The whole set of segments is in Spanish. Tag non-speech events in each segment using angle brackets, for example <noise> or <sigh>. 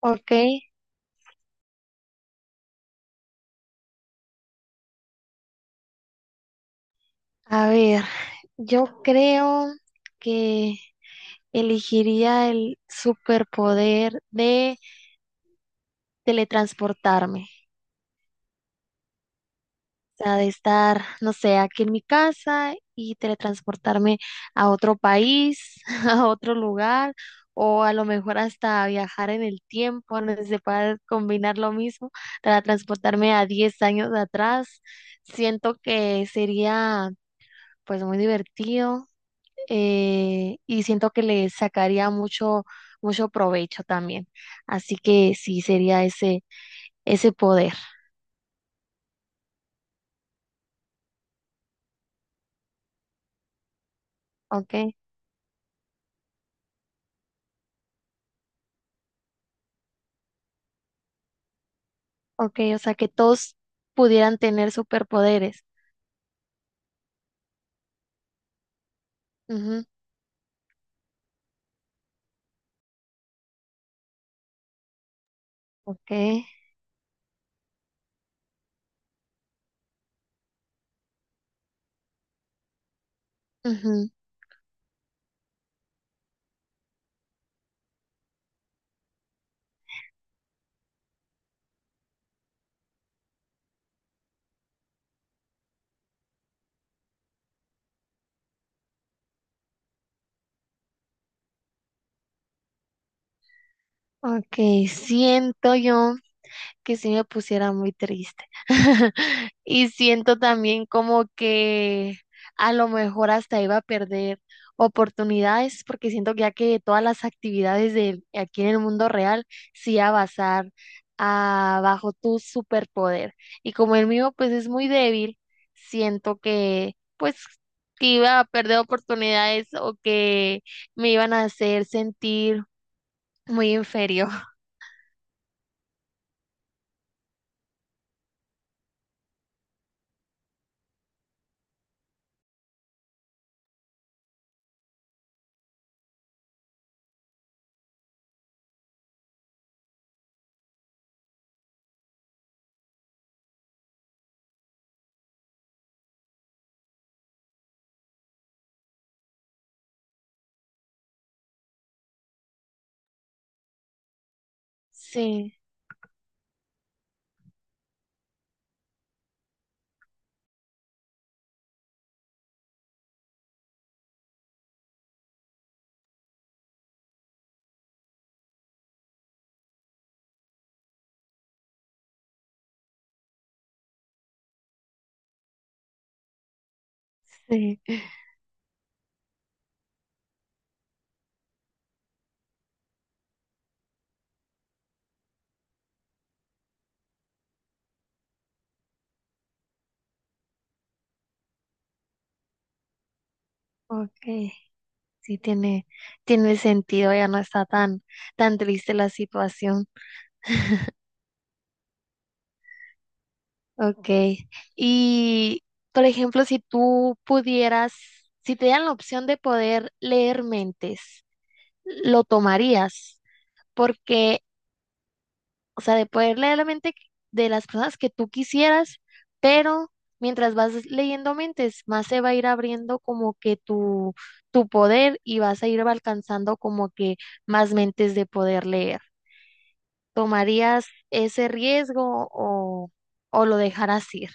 Ok, a ver, yo creo que elegiría el superpoder de teletransportarme. O sea, de estar, no sé, aquí en mi casa y teletransportarme a otro país, <laughs> a otro lugar, o a lo mejor hasta viajar en el tiempo, no sé, si se puede combinar lo mismo, para transportarme a 10 años atrás. Siento que sería pues muy divertido y siento que le sacaría mucho, mucho provecho también. Así que sí sería ese, ese poder, ¿ok? Ok, o sea que todos pudieran tener superpoderes. Ujú, ok, ujú, ok, siento yo que sí me pusiera muy triste. <laughs> Y siento también como que a lo mejor hasta iba a perder oportunidades, porque siento que ya que todas las actividades de aquí en el mundo real sí iba a basar bajo tu superpoder. Y como el mío pues es muy débil, siento que pues que iba a perder oportunidades o que me iban a hacer sentir muy inferior. <laughs> Sí, sí, ok. Sí, tiene, tiene sentido, ya no está tan, tan triste la situación. <laughs> Ok. Y, por ejemplo, si tú pudieras, si te dieran la opción de poder leer mentes, ¿lo tomarías? Porque, o sea, de poder leer la mente de las personas que tú quisieras, pero mientras vas leyendo mentes, más se va a ir abriendo como que tu poder y vas a ir alcanzando como que más mentes de poder leer. ¿Tomarías ese riesgo o lo dejarás ir?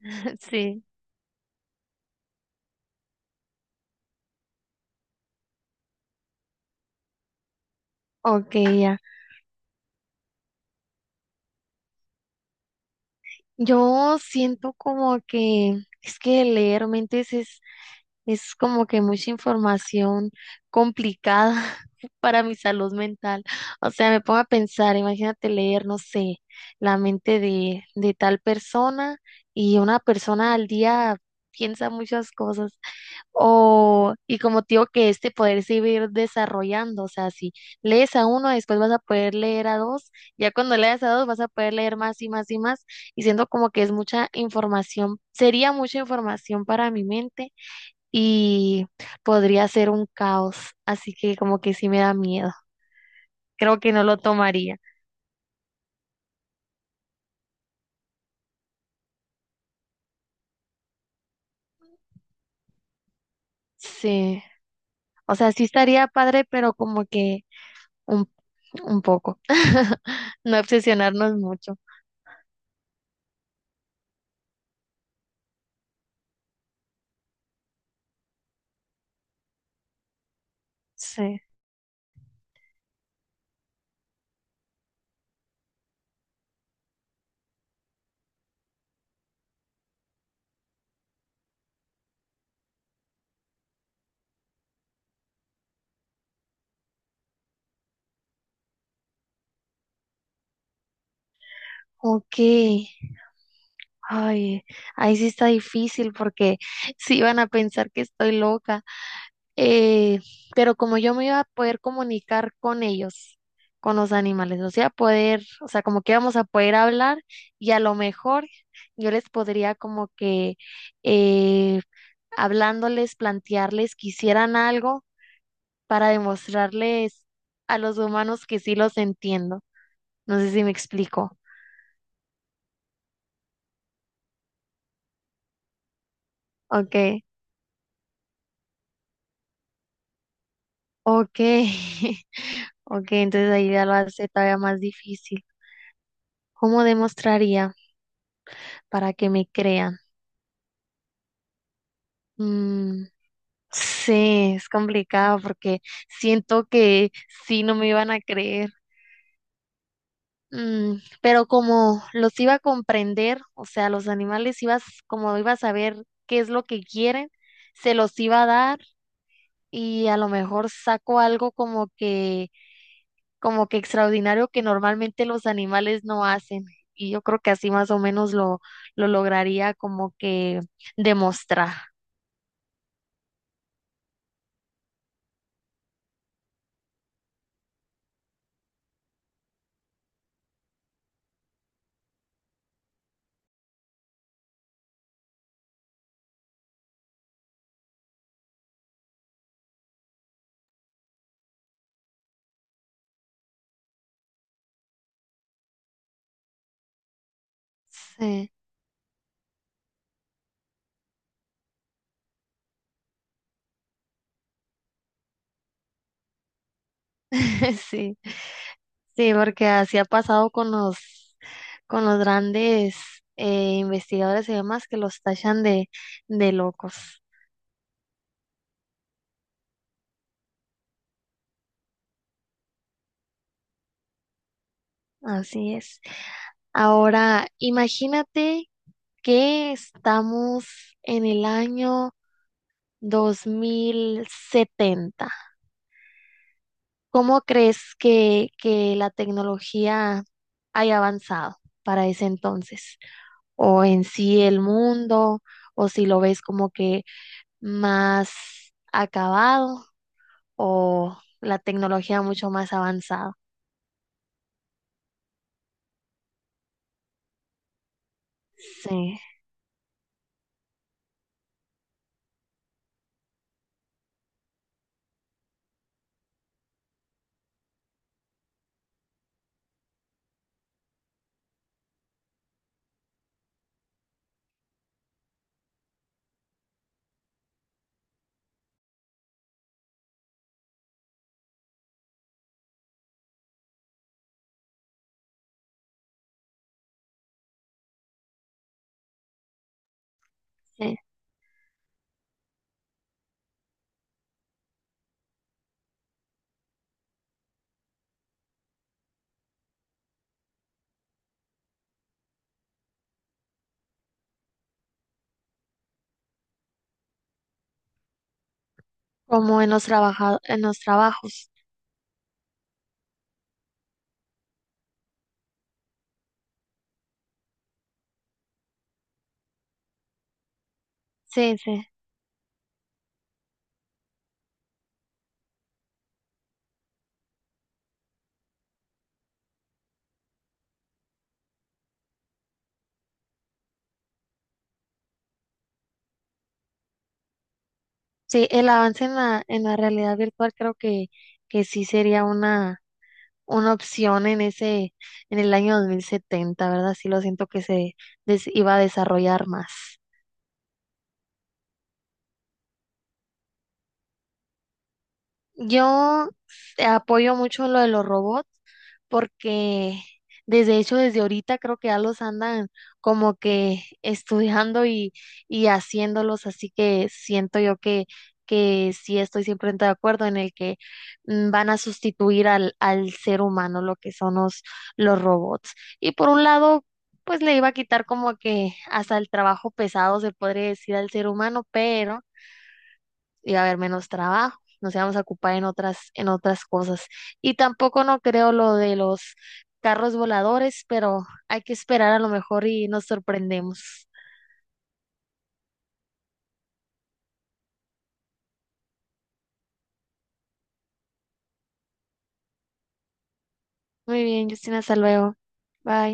<laughs> Sí, ok, ya. Yo siento como que es que leer mentes es como que mucha información complicada <laughs> para mi salud mental. O sea, me pongo a pensar, imagínate leer, no sé, la mente de tal persona y una persona al día piensa muchas cosas. O, y como te digo, que este poder se iba a ir desarrollando, o sea, si lees a uno, después vas a poder leer a dos, ya cuando leas a dos vas a poder leer más y más y más, y siento como que es mucha información, sería mucha información para mi mente y podría ser un caos, así que como que sí me da miedo, creo que no lo tomaría, sí, o sea, sí estaría padre, pero como que un, un poco, <laughs> no obsesionarnos mucho, sí, ok. Ay, ahí sí está difícil porque <laughs> sí van a pensar que estoy loca. Eh, pero como yo me iba a poder comunicar con ellos, con los animales, o sea, poder, o sea, como que íbamos a poder hablar y a lo mejor yo les podría como que eh, hablándoles, plantearles que hicieran algo para demostrarles a los humanos que sí los entiendo. No sé si me explico. Ok, ok. <laughs> Ok, entonces ahí ya lo hace todavía más difícil. ¿Cómo demostraría para que me crean? Mm, sí, es complicado porque siento que sí no me iban a creer. Mm, pero como los iba a comprender, o sea, los animales ibas, como iba a saber qué es lo que quieren, se los iba a dar y a lo mejor saco algo como que extraordinario que normalmente los animales no hacen. Y yo creo que así más o menos lo lograría como que demostrar. Sí, <laughs> sí, sí, porque así ha pasado con los grandes investigadores y demás que los tachan de locos. Así es. Ahora, imagínate que estamos en el año 2070. ¿Cómo crees que la tecnología haya avanzado para ese entonces? O en sí el mundo, o si lo ves como que más acabado, o la tecnología mucho más avanzada. Sí, sí. Como en los en los trabajos. Sí, sí. Sí, el avance en la realidad virtual creo que sí sería una opción en ese, en el año 2070, ¿verdad? Sí lo siento que se iba a desarrollar más. Yo apoyo mucho lo de los robots porque desde hecho desde ahorita creo que ya los andan como que estudiando y haciéndolos, así que siento yo que sí estoy siempre de acuerdo en el que mm, van a sustituir al, al ser humano lo que son los robots. Y por un lado, pues le iba a quitar como que hasta el trabajo pesado se podría decir al ser humano, pero iba a haber menos trabajo, nos íbamos a ocupar en otras cosas. Y tampoco no creo lo de los carros voladores, pero hay que esperar a lo mejor y nos sorprendemos. Muy bien, Justina, hasta luego. Bye.